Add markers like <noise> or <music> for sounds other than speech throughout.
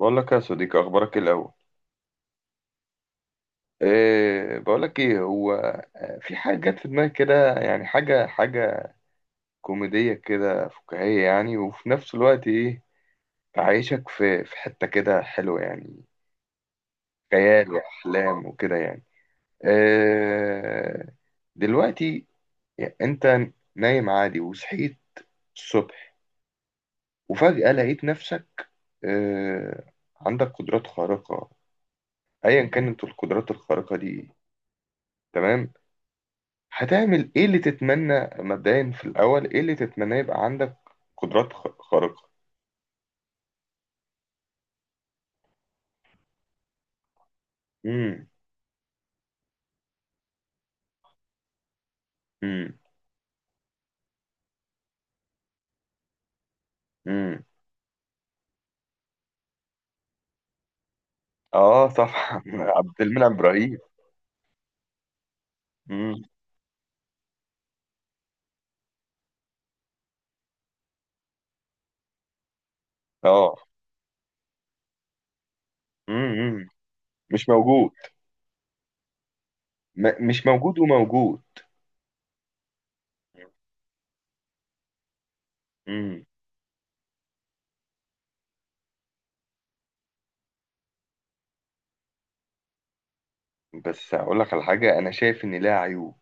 بقول لك يا صديقي، اخبارك إيه الاول؟ إيه، بقول لك ايه هو. في حاجه جت في دماغي كده، يعني حاجه حاجه كوميديه كده فكاهيه، يعني وفي نفس الوقت ايه، تعيشك في حته كده حلوه، يعني خيال واحلام وكده يعني. إيه دلوقتي، يعني انت نايم عادي وصحيت الصبح وفجاه لقيت نفسك، إيه، عندك قدرات خارقه. ايا كانت القدرات الخارقه دي، تمام، هتعمل ايه اللي تتمنى مبدئيا في الاول؟ ايه اللي تتمنى يبقى عندك قدرات خارقة؟ امم. امم. امم. اه صح. <laughs> عبد المنعم ابراهيم. امم. اه. امم. مش موجود. مش موجود وموجود. امم. بس اقول لك على حاجة، انا شايف ان لها عيوب.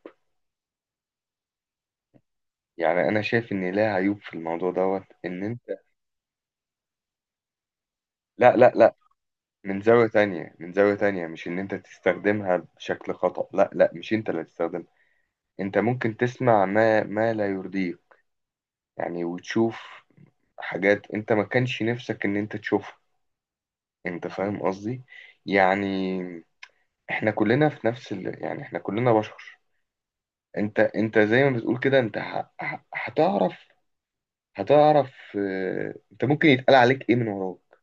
يعني انا شايف ان لها عيوب في الموضوع دوت، ان انت. لا لا لا، من زاوية تانية، من زاوية تانية. مش ان انت تستخدمها بشكل خطأ، لا لا، مش انت اللي هتستخدمها. انت ممكن تسمع ما لا يرضيك، يعني وتشوف حاجات انت ما كانش نفسك ان انت تشوفها. انت فاهم قصدي؟ يعني احنا كلنا في نفس يعني احنا كلنا بشر. انت زي ما بتقول كده، انت هتعرف، هتعرف، اه، انت ممكن يتقال عليك ايه من وراك،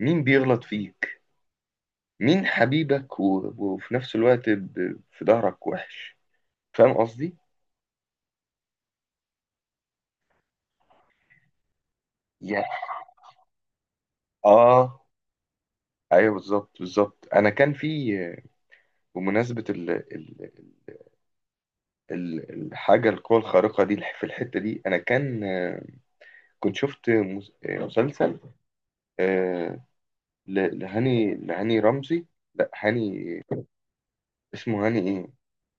مين بيغلط فيك، مين حبيبك، وفي نفس الوقت، في ظهرك وحش. فاهم قصدي؟ يعني اه، ايوه، بالظبط بالظبط. انا كان في، بمناسبة ال ال ال الحاجة، القوة الخارقة دي في الحتة دي أنا كان، كنت شفت مسلسل، آه، لهاني رمزي. لا هاني، اسمه هاني إيه،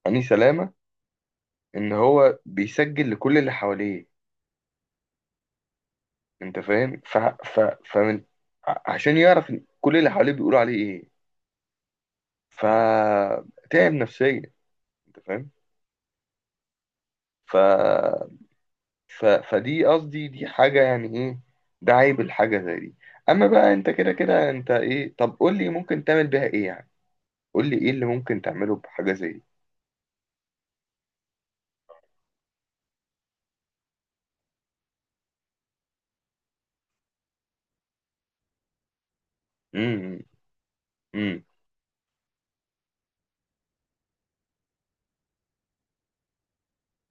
هاني سلامة. إن هو بيسجل لكل اللي حواليه، أنت فاهم؟ ف ف فمن، عشان يعرف إن كل اللي حواليه بيقولوا عليه إيه، فتعب نفسيا. أنت فاهم؟ ف فدي قصدي، دي حاجة يعني ايه، ده عيب الحاجة زي دي. اما بقى انت كده كده انت ايه، طب قول لي ممكن تعمل بيها ايه يعني؟ قول لي ايه اللي ممكن تعمله بحاجة زي دي؟ امم. امم.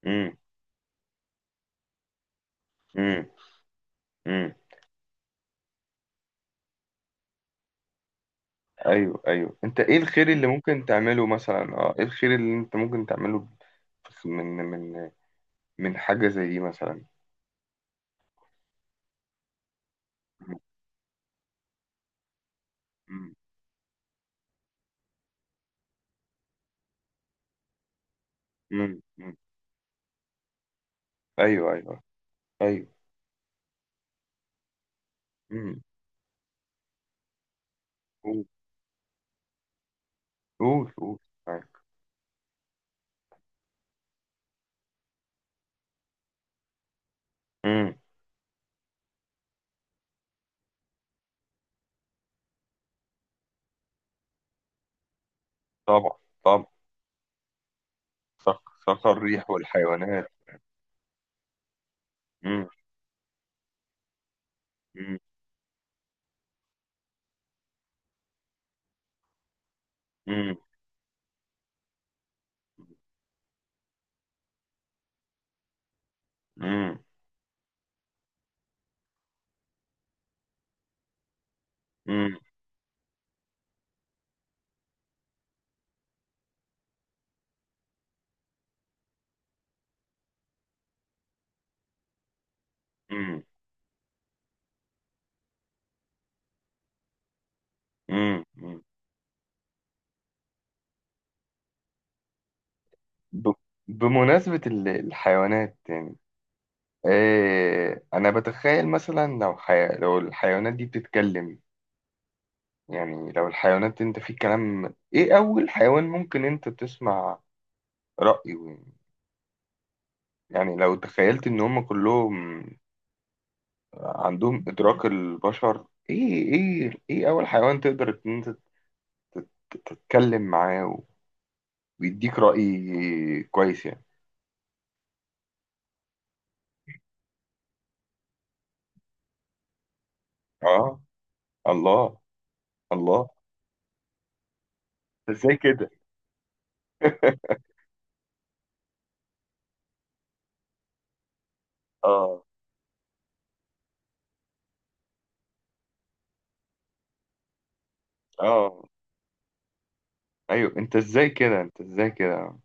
امم. امم. امم. ايوه ايوه، انت ايه الخير اللي ممكن تعمله مثلا؟ اه، ايه الخير اللي انت ممكن تعمله من من من حاجة زي دي مثلا؟ امم. امم. امم. ايوه ايوه ايوه. امم. قول قول قول. أيوة. امم. طبعا. طبعا. صخ صخر الريح والحيوانات. مم. مم. مم. مم. مم. مم. مم. مم. ب- بمناسبة الحيوانات يعني، إيه أنا بتخيل مثلا، لو لو الحيوانات دي بتتكلم، يعني لو الحيوانات، أنت في كلام، إيه أول حيوان ممكن أنت تسمع رأيه يعني لو تخيلت إن هم كلهم عندهم إدراك البشر، إيه أول حيوان تقدر إن أنت تتكلم معاه، ويديك رأي كويس يعني؟ آه، الله، الله. ازاي كده؟ <laughs> اه اه، ايوه، انت ازاي كده؟ انت ازاي كده؟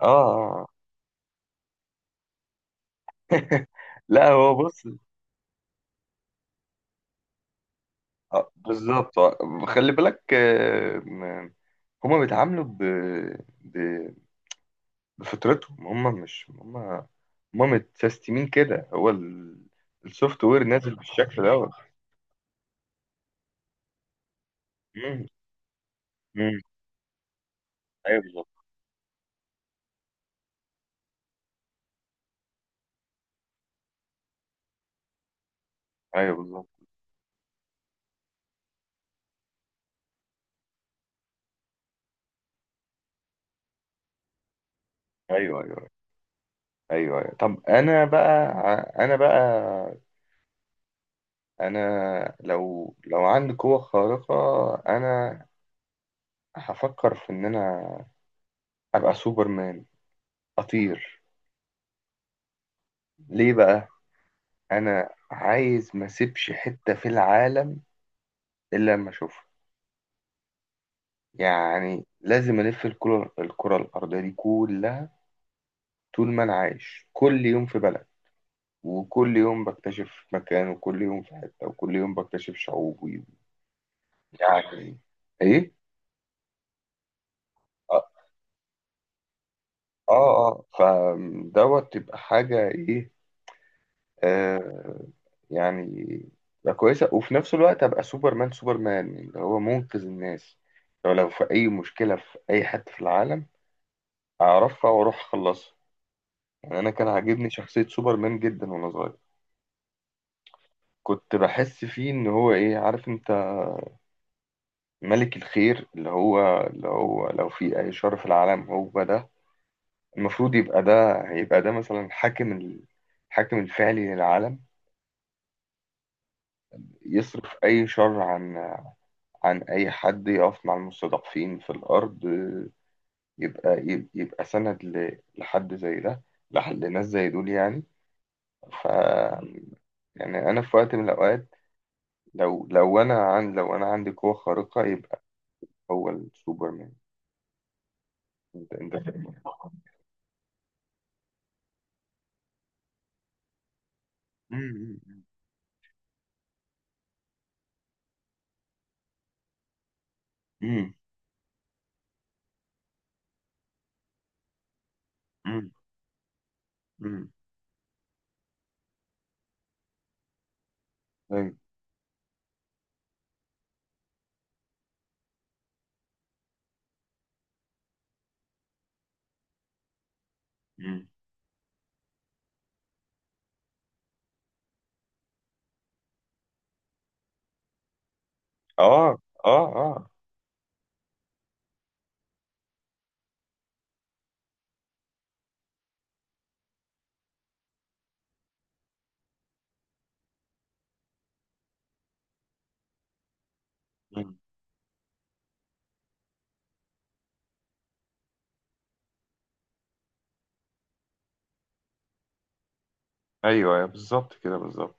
اه. آه. <laughs> لا، هو بص، بالظبط، خلي بالك، هما بيتعاملوا ب... بفطرتهم. هما مش هما، هما متسيستمين كده، هو السوفت وير نازل بالشكل دوت. مم. مم. ايوه بالظبط، ايوه بالظبط، ايوه ايوه ايوه ايوه، طب انا بقى، انا بقى انا لو عندي قوة خارقة، انا هفكر في ان انا ابقى سوبرمان، اطير. ليه بقى؟ انا عايز ما اسيبش حتة في العالم الا لما اشوفها، يعني لازم الف الكرة الارضية دي كلها. طول ما انا عايش، كل يوم في بلد، وكل يوم بكتشف مكان، وكل يوم في حتة، وكل يوم بكتشف شعوب، يعني ايه؟ اه. اه. آه. فدوت تبقى حاجة ايه، آه يعني تبقى كويسة، وفي نفس الوقت أبقى سوبرمان اللي هو منقذ الناس. لو في أي مشكلة في أي حتة في العالم، أعرفها وأروح أخلصها، يعني. أنا كان عاجبني شخصية سوبرمان جدا وأنا صغير، كنت بحس فيه إن هو إيه، عارف أنت، ملك الخير، اللي هو لو في أي شر في العالم، هو ده المفروض يبقى، ده هيبقى ده مثلا حاكم الحاكم الفعلي للعالم. يصرف أي شر عن أي حد، يقف مع المستضعفين في الأرض، يبقى، يبقى سند لحد زي ده، لناس زي دول يعني. ف، يعني أنا في وقت من الأوقات، لو أنا عن لو أنا عندي قوة خارقة، يبقى هو السوبرمان. أنت <laughs> فاهم؟ مم. مم. مم. مم. مم. مم. اه اه اه. مم. ايوه، أيوة، بالظبط كده، بالظبط.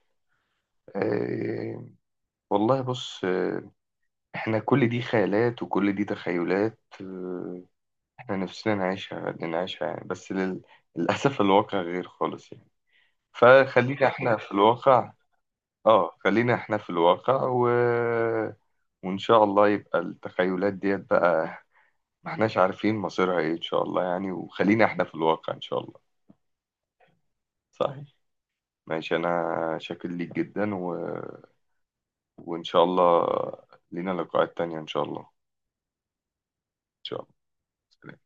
آه، والله، بص، احنا كل دي خيالات وكل دي تخيلات، احنا نفسنا نعيشها، نعيشها، يعني بس للأسف الواقع غير خالص يعني. فخلينا احنا في الواقع. اه، خلينا احنا في الواقع، وإن شاء الله يبقى التخيلات ديت بقى، ما احناش عارفين مصيرها ايه إن شاء الله، يعني وخلينا احنا في الواقع إن شاء الله. صحيح. ماشي، أنا شاكر ليك جدا، وإن شاء الله لينا لقاءات تانية إن شاء الله، إن شاء الله. سلام.